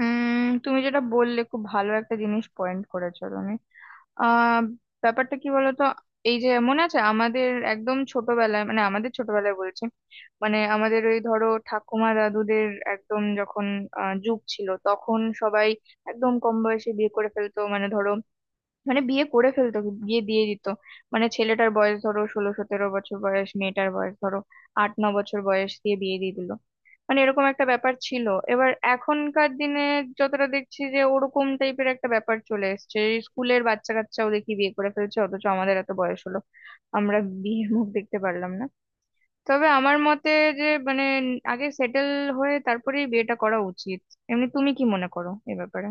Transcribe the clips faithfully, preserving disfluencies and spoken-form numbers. উম তুমি যেটা বললে খুব ভালো একটা জিনিস পয়েন্ট করেছো তুমি। আহ ব্যাপারটা কি বলতো? এই যে মনে আছে আমাদের একদম ছোটবেলায়, মানে আমাদের ছোটবেলায় বলছি, মানে আমাদের ওই ধরো ঠাকুমা দাদুদের একদম যখন আহ, যুগ ছিল, তখন সবাই একদম কম বয়সে বিয়ে করে ফেলতো। মানে ধরো, মানে বিয়ে করে ফেলতো, বিয়ে দিয়ে দিত। মানে ছেলেটার বয়স ধরো ষোলো সতেরো বছর, বয়স মেয়েটার বয়স ধরো আট ন বছর বয়স, দিয়ে বিয়ে দিয়ে দিল। মানে এরকম একটা ব্যাপার ছিল। এবার এখনকার দিনে যতটা দেখছি যে ওরকম টাইপের একটা ব্যাপার চলে এসেছে, স্কুলের বাচ্চা কাচ্চাও দেখি বিয়ে করে ফেলছে, অথচ আমাদের এত বয়স হলো, আমরা বিয়ের মুখ দেখতে পারলাম না। তবে আমার মতে যে, মানে আগে সেটেল হয়ে তারপরেই বিয়েটা করা উচিত। এমনি তুমি কি মনে করো এ ব্যাপারে?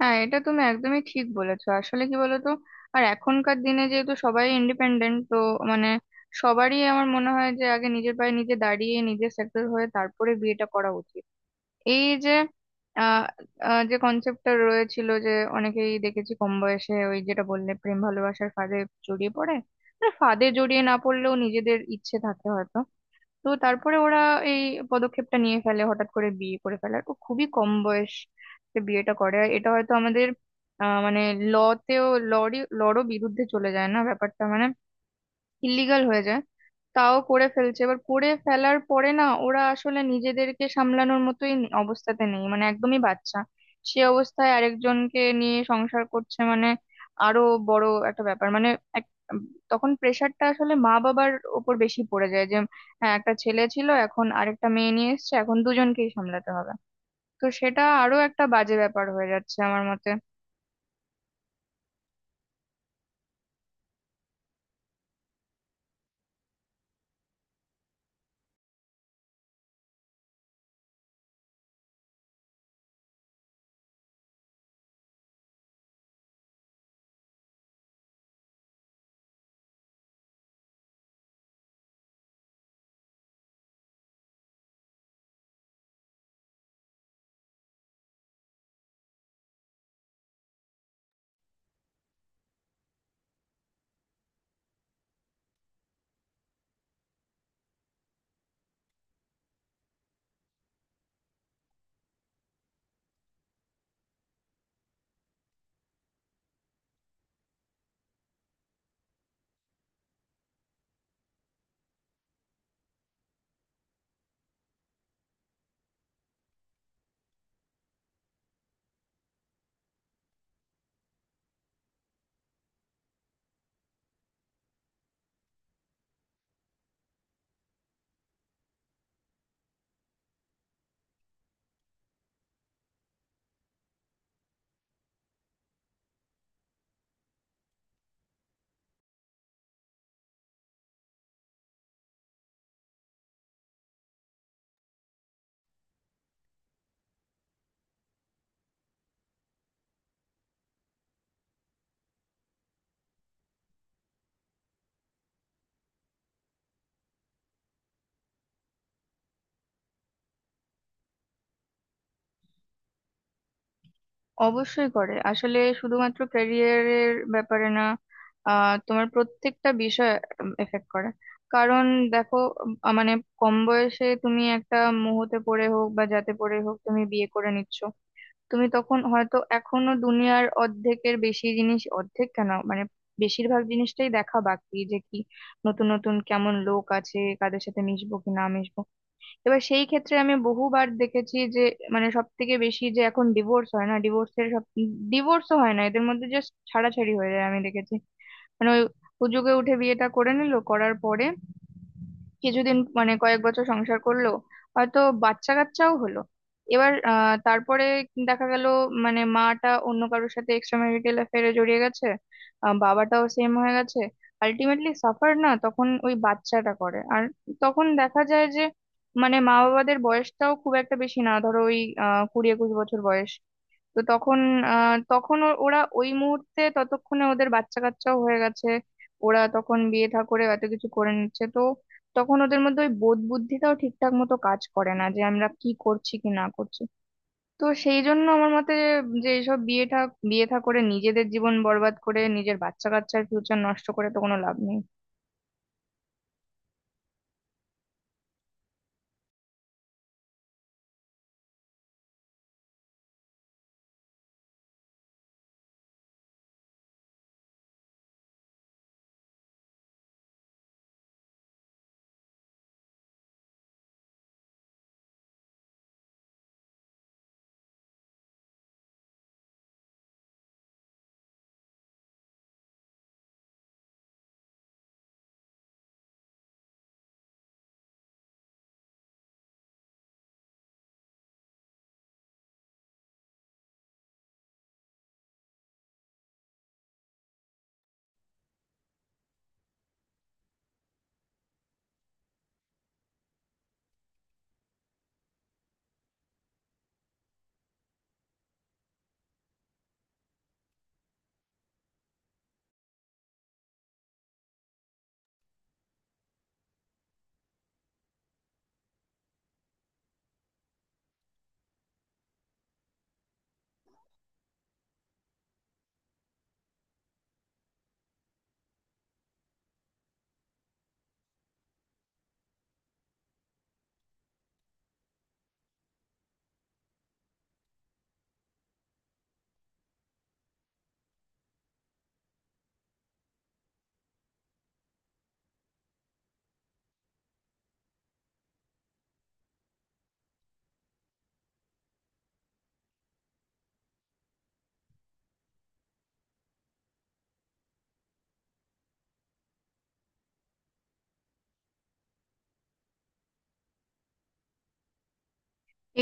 হ্যাঁ, এটা তুমি একদমই ঠিক বলেছো। আসলে কি বলতো, আর এখনকার দিনে যেহেতু সবাই ইন্ডিপেন্ডেন্ট, তো মানে সবারই আমার মনে হয় যে আগে নিজের পায়ে নিজে দাঁড়িয়ে, নিজে সেটেল হয়ে তারপরে বিয়েটা করা উচিত। এই যে আহ আহ, যে কনসেপ্টটা রয়েছিল যে অনেকেই দেখেছি কম বয়সে ওই যেটা বললে প্রেম ভালোবাসার ফাঁদে জড়িয়ে পড়ে, মানে ফাঁদে জড়িয়ে না পড়লেও নিজেদের ইচ্ছে থাকে হয়তো। তো তারপরে ওরা এই পদক্ষেপটা নিয়ে ফেলে, হঠাৎ করে বিয়ে করে ফেলার, ও খুবই কম বয়সে বিয়েটা করে। আর এটা হয়তো আমাদের আহ মানে লতেও লরই লরও বিরুদ্ধে চলে যায় না, ব্যাপারটা মানে ইলিগাল হয়ে যায়, তাও করে ফেলছে। এবার করে ফেলার পরে না, ওরা আসলে নিজেদেরকে সামলানোর মতোই নে- অবস্থাতে নেই, মানে একদমই বাচ্চা। সে অবস্থায় আরেকজনকে নিয়ে সংসার করছে, মানে আরো বড় একটা ব্যাপার, মানে এক- তখন প্রেশারটা আসলে মা বাবার উপর বেশি পড়ে যায়। যে হ্যাঁ, একটা ছেলে ছিল, এখন আরেকটা মেয়ে নিয়ে এসেছে, এখন দুজনকেই সামলাতে হবে। তো সেটা আরো একটা বাজে ব্যাপার হয়ে যাচ্ছে আমার মতে। অবশ্যই করে, আসলে শুধুমাত্র ক্যারিয়ারের ব্যাপারে না, আহ তোমার প্রত্যেকটা বিষয় এফেক্ট করে। কারণ দেখো, আহ, মানে কম বয়সে তুমি একটা মুহূর্তে পড়ে হোক বা যাতে পড়ে হোক, তুমি বিয়ে করে নিচ্ছ। তুমি তখন হয়তো এখনো দুনিয়ার অর্ধেকের বেশি জিনিস, অর্ধেক কেন, মানে বেশিরভাগ জিনিসটাই দেখা বাকি, যে কি নতুন নতুন কেমন লোক আছে, কাদের সাথে মিশবো কি না মিশবো। এবার সেই ক্ষেত্রে আমি বহুবার দেখেছি যে, মানে সব থেকে বেশি যে এখন ডিভোর্স হয় না, ডিভোর্সের সব ডিভোর্সও হয় না, এদের মধ্যে জাস্ট ছাড়াছাড়ি হয়ে যায় আমি দেখেছি। মানে ওই হুজুগে উঠে বিয়েটা করে নিল, করার পরে কিছুদিন মানে কয়েক বছর সংসার করলো, হয়তো বাচ্চা কাচ্চাও হলো। এবার আহ, তারপরে দেখা গেল মানে মাটা অন্য কারোর সাথে এক্সট্রা ম্যারিটাল অ্যাফেয়ারে জড়িয়ে গেছে, আহ, বাবাটাও সেম হয়ে গেছে। আলটিমেটলি সাফার না তখন ওই বাচ্চাটা করে। আর তখন দেখা যায় যে, মানে মা বাবাদের বয়সটাও খুব একটা বেশি না, ধরো ওই আহ কুড়ি একুশ বছর বয়স। তো তখন আহ তখন ও- ওরা ওই মুহূর্তে ততক্ষণে ওদের বাচ্চা কাচ্চাও হয়ে গেছে, ওরা তখন বিয়ে থা করে এত কিছু করে নিচ্ছে। তো তখন ওদের মধ্যে ওই বোধ বুদ্ধিটাও ঠিকঠাক মতো কাজ করে না যে আমরা কি করছি কি না করছি। তো সেই জন্য আমার মতে, যে এইসব বিয়ে থা বিয়ে থা করে নিজেদের জীবন বরবাদ করে, নিজের বাচ্চা কাচ্চার ফিউচার নষ্ট করে, তো কোনো লাভ নেই।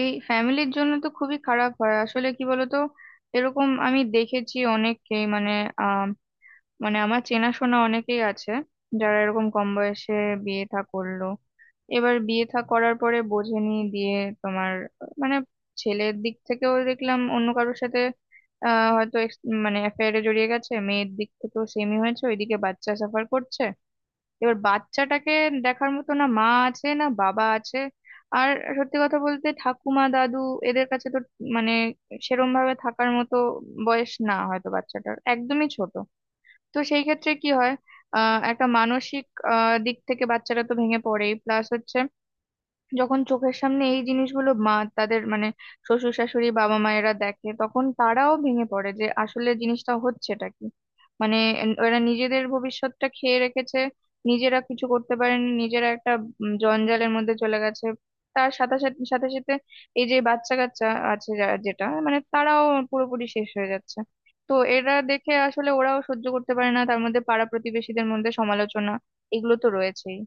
এই ফ্যামিলির জন্য তো খুবই খারাপ হয়। আসলে কি বলতো, এরকম আমি দেখেছি অনেককেই, মানে মানে আমার চেনাশোনা অনেকেই আছে যারা এরকম কম বয়সে বিয়ে থা করলো। এবার বিয়ে থা করার পরে বোঝেনি দিয়ে তোমার, আহ, মানে ছেলের দিক থেকেও দেখলাম অন্য কারোর সাথে আহ হয়তো ex- মানে অ্যাফেয়ারে জড়িয়ে গেছে, মেয়ের দিক থেকেও সেমই হয়েছে, ওইদিকে বাচ্চা সাফার করছে। এবার বাচ্চাটাকে দেখার মতো না মা আছে, না বাবা আছে। আর সত্যি কথা বলতে ঠাকুমা দাদু এদের কাছে তো মানে সেরম ভাবে থাকার মতো বয়স না, হয়তো বাচ্চাটার একদমই ছোট। তো সেই ক্ষেত্রে কি হয়, আহ একটা মানসিক আহ দিক থেকে বাচ্চারা তো ভেঙে পড়েই, প্লাস হচ্ছে যখন চোখের সামনে এই জিনিসগুলো মা তাদের মানে শ্বশুর শাশুড়ি বাবা মায়েরা দেখে, তখন তারাও ভেঙে পড়ে যে আসলে জিনিসটা হচ্ছেটা কি। মানে এন- ওরা নিজেদের ভবিষ্যৎটা খেয়ে রেখেছে, নিজেরা কিছু করতে পারেনি, নিজেরা একটা উম, জঞ্জালের মধ্যে চলে গেছে। তার সাথে সাথে সাথে সাথে এই যে বাচ্চা কাচ্চা আছে, যা- যেটা মানে তারাও পুরোপুরি শেষ হয়ে যাচ্ছে। তো এরা দেখে আসলে ওরাও সহ্য করতে পারে না, তার মধ্যে পাড়া প্রতিবেশীদের মধ্যে সমালোচনা এগুলো তো রয়েছেই।